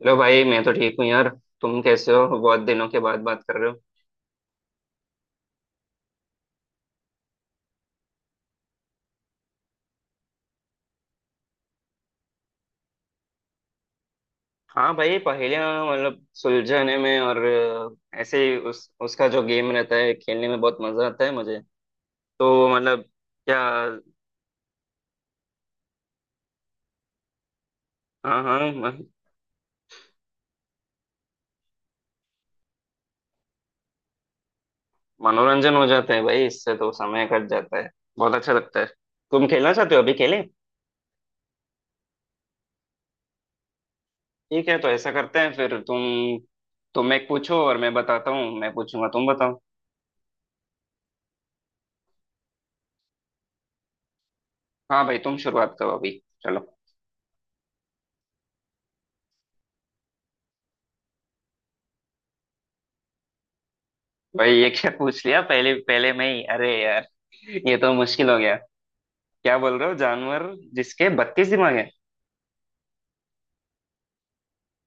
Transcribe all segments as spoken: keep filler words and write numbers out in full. Hello भाई, मैं तो ठीक हूँ यार। तुम कैसे हो? बहुत दिनों के बाद बात कर रहे हो। हाँ भाई, पहेलियाँ मतलब सुलझाने में और अ, ऐसे ही उस उसका जो गेम रहता है खेलने में बहुत मजा आता है मुझे। तो मतलब क्या? हाँ हाँ। म- मनोरंजन हो जाता है भाई, इससे तो समय कट जाता है। बहुत अच्छा लगता है। तुम खेलना चाहते हो? अभी खेलें? ठीक है, तो ऐसा करते हैं, फिर तुम तुम एक पूछो और मैं बताता हूँ, मैं पूछूंगा तुम बताओ। हाँ भाई, तुम शुरुआत करो अभी। चलो। भाई ये क्या पूछ लिया पहले पहले में ही? अरे यार, ये तो मुश्किल हो गया। क्या बोल रहे हो, जानवर जिसके बत्तीस दिमाग है?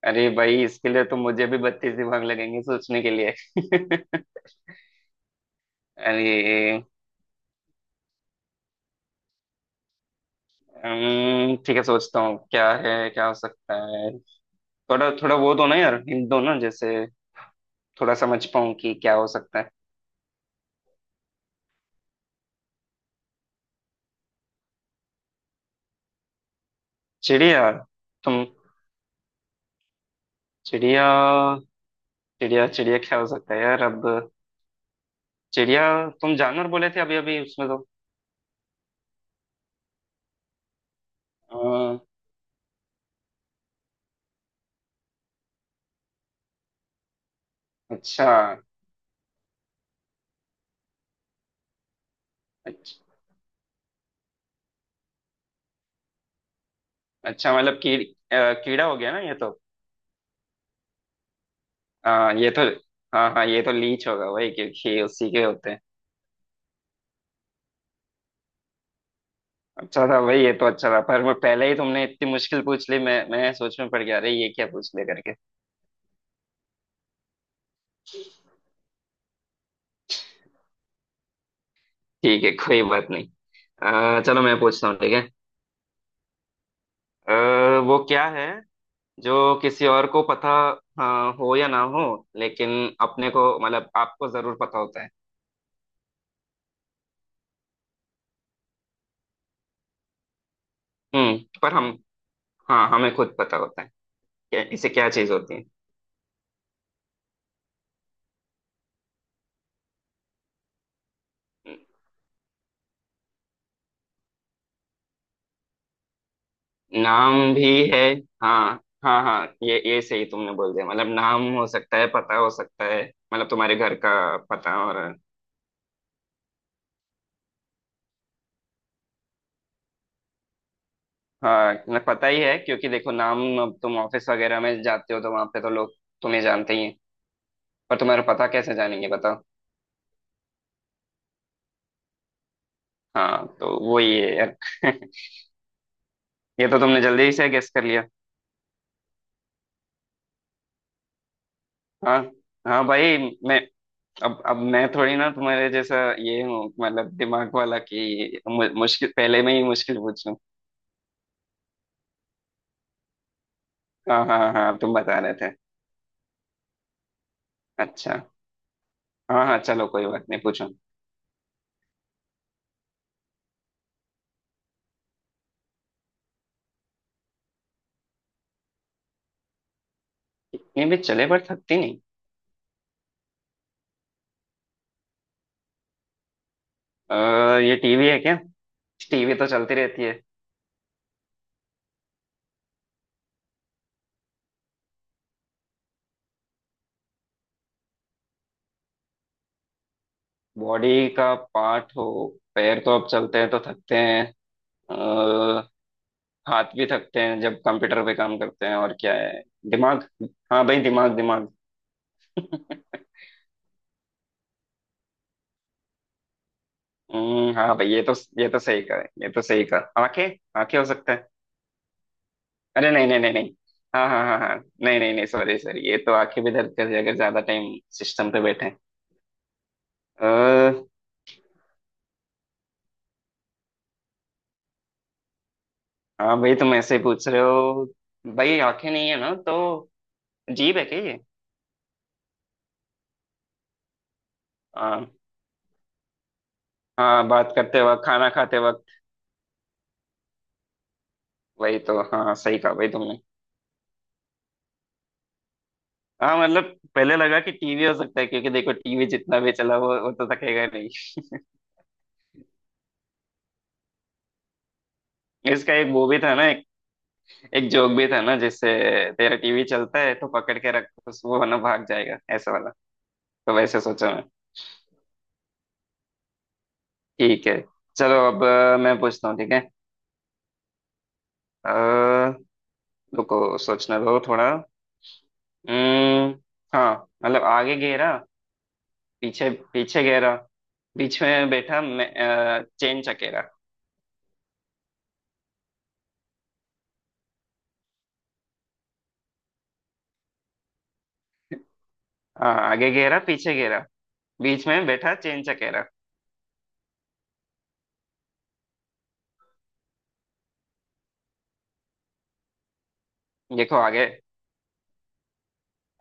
अरे भाई, इसके लिए तो मुझे भी बत्तीस दिमाग लगेंगे सोचने के लिए। अरे अम्म, ठीक है, सोचता हूँ क्या है, क्या हो सकता है। थोड़ा थोड़ा वो दो ना यार, हिंट दो ना, जैसे थोड़ा समझ पाऊँ कि क्या हो सकता है। चिड़िया? तुम, चिड़िया? चिड़िया चिड़िया क्या हो सकता है यार अब? चिड़िया? तुम जानवर बोले थे अभी अभी उसमें तो। अम्म, अच्छा अच्छा अच्छा, मतलब कीड़ अ, कीड़ा हो गया ना ये तो। हाँ ये तो, हाँ हाँ ये तो लीच होगा वही, क्योंकि उसी के होते हैं। अच्छा था भाई ये तो, अच्छा था, पर मैं पहले ही, तुमने इतनी मुश्किल पूछ ली, मैं मैं सोच में पड़ गया, अरे ये क्या पूछ ले करके। ठीक है, कोई बात नहीं। अ, चलो मैं पूछता हूँ ठीक है। अ, वो क्या है जो किसी और को पता, हाँ, हो या ना हो, लेकिन अपने को मतलब आपको जरूर पता होता है। हम्म पर हम, हाँ, हमें खुद पता होता है। क्या- इसे क्या चीज होती है? नाम भी है? हाँ हाँ हाँ, ये ये सही तुमने बोल दिया, मतलब नाम हो सकता है, पता हो सकता है। मतलब तुम्हारे घर का पता, और हाँ मतलब पता ही है, क्योंकि देखो नाम, अब तुम ऑफिस वगैरह में जाते हो तो वहां पे तो लोग तुम्हें जानते ही हैं। पर तुम्हारा पता कैसे जानेंगे, बताओ? हाँ, तो वो ही है यार। ये तो तुमने जल्दी से गेस कर लिया। हाँ हाँ भाई। मैं, अब अब मैं थोड़ी ना तुम्हारे जैसा ये हूँ, मतलब दिमाग वाला, कि मु- मुश्किल पहले में ही मुश्किल पूछूं। हाँ हाँ हाँ हाँ, तुम बता रहे थे। अच्छा, हाँ हाँ चलो कोई बात नहीं, पूछो। ये भी चले पर थकती नहीं? आ, ये टीवी है क्या? टीवी तो चलती रहती है। बॉडी का पार्ट हो? पैर तो अब चलते हैं तो थकते हैं। अ, हाथ भी थकते हैं जब कंप्यूटर पे काम करते हैं, और क्या है? दिमाग? हाँ भाई, दिमाग दिमाग। हम्म, हाँ भाई ये तो, ये तो सही कहा, ये तो सही कहा, आंखें। आंखें हो सकता है। अरे नहीं नहीं नहीं नहीं, हाँ हाँ हाँ हाँ, नहीं नहीं नहीं, सॉरी सॉरी, ये तो आंखें भी दर्द कर जाएगा ज्यादा टाइम सिस्टम पे बैठे। हाँ भाई तुम ऐसे पूछ रहे हो, भाई आंखें नहीं है ना तो। जीभ है क्या ये? हाँ हाँ, बात करते वक्त, खाना खाते वक्त, वही तो, हाँ सही कहा भाई तुमने। हाँ मतलब, पहले लगा कि टीवी हो सकता है, क्योंकि देखो टीवी जितना भी चला वो, वो तो थकेगा नहीं। इसका एक वो भी था ना, एक एक जोक भी था ना जिससे, तेरा टीवी चलता है तो पकड़ के रख, उस- वो ना भाग जाएगा, ऐसा वाला। तो वैसे सोचा मैं। ठीक है, चलो अब अ, मैं पूछता हूँ ठीक है। अः रुको सोचने दो थोड़ा। हम्म, हाँ मतलब, आगे घेरा, पीछे पीछे घेरा, बीच में बैठा मैं, अ, चेन चकेरा। हाँ, आगे घेरा पीछे घेरा बीच में बैठा चेन चकेरा। देखो आगे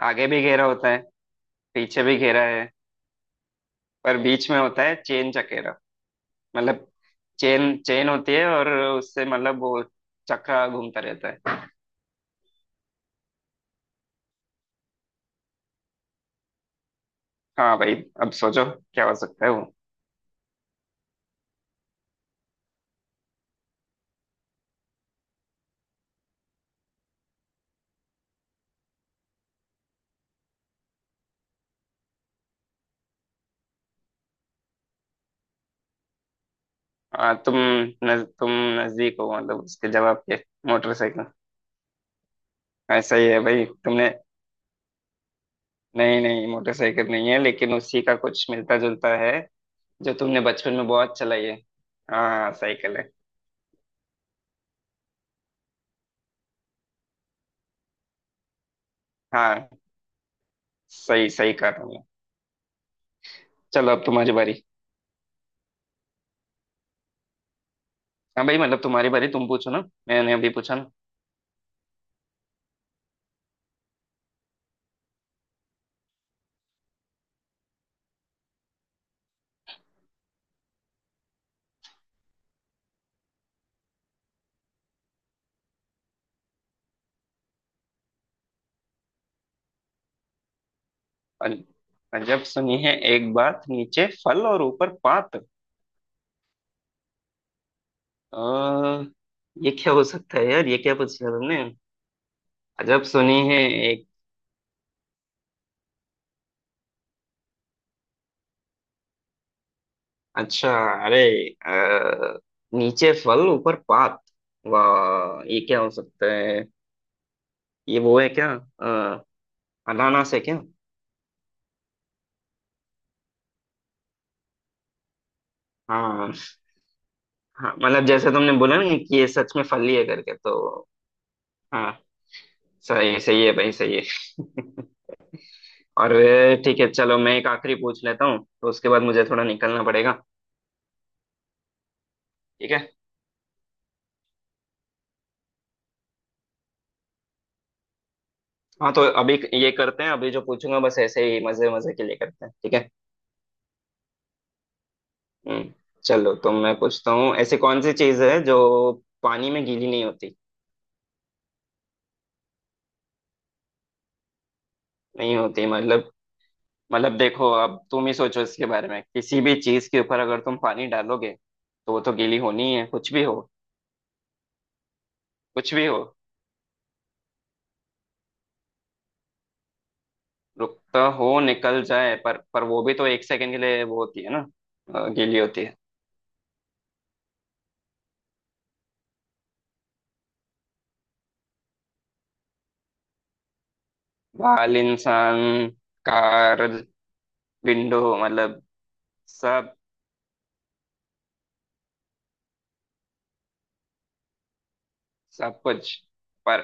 आगे भी घेरा होता है, पीछे भी घेरा है, पर बीच में होता है चेन चकेरा। मतलब चेन चेन होती है, और उससे मतलब वो चक्का घूमता रहता है। हाँ भाई अब सोचो, क्या हो सकता है वो? हाँ तुम, नज, तुम नजदीक हो मतलब उसके जवाब के। मोटरसाइकिल? ऐसा ही है भाई तुमने। नहीं नहीं मोटरसाइकिल नहीं है, लेकिन उसी का कुछ मिलता जुलता है, जो तुमने बचपन में बहुत चलाई है। हाँ हाँ साइकिल है। हाँ सही सही कहा तुमने। चलो अब तुम्हारी बारी। हाँ भाई, मतलब तुम्हारी बारी, तुम पूछो ना, मैंने अभी पूछा ना। अज- अजब सुनी है एक बात, नीचे फल और ऊपर पात। आ, ये क्या हो सकता है यार, ये क्या पूछ लिया तुमने? अजब सुनी है एक, अच्छा, अरे, अ, नीचे फल ऊपर पात, वाह, ये क्या हो सकता है? ये वो है क्या, अ, अनानास है क्या? हाँ हाँ, मतलब जैसे तुमने बोला ना कि ये सच में फली है करके तो। हाँ, सही सही है भाई, सही है। और वे- ठीक है, चलो मैं एक आखिरी पूछ लेता हूँ, तो उसके बाद मुझे थोड़ा निकलना पड़ेगा। ठीक है। हाँ तो अभी ये करते हैं, अभी जो पूछूंगा बस ऐसे ही मजे मजे के लिए करते हैं, ठीक है। हम्म चलो, तो मैं पूछता हूँ, ऐसी कौन सी चीज है जो पानी में गीली नहीं होती? नहीं होती मतलब, मतलब देखो अब तुम ही सोचो इसके बारे में, किसी भी चीज के ऊपर अगर तुम पानी डालोगे, तो वो तो गीली होनी ही है, कुछ भी हो। कुछ भी हो, रुकता हो निकल जाए, पर पर वो भी तो एक सेकंड के लिए वो होती है ना, अ, गीली होती है। बाल, इंसान, कार, विंडो मतलब सब सब कुछ। पर,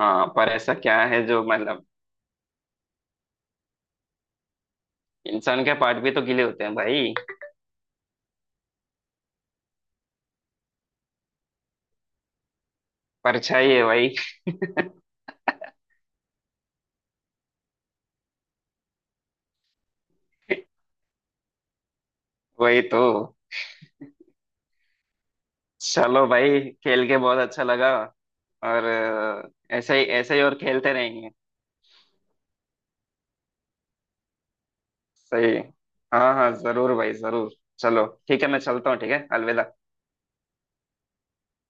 हाँ पर ऐसा क्या है जो मतलब, इंसान के पार्ट भी तो गीले होते हैं भाई। परछाई है भाई। वही तो। चलो भाई, खेल के बहुत अच्छा लगा, और अ, ऐसे ही ऐसे ही और खेलते रहेंगे। सही है। हाँ हाँ जरूर भाई जरूर। चलो ठीक है मैं चलता हूँ, ठीक है, अलविदा।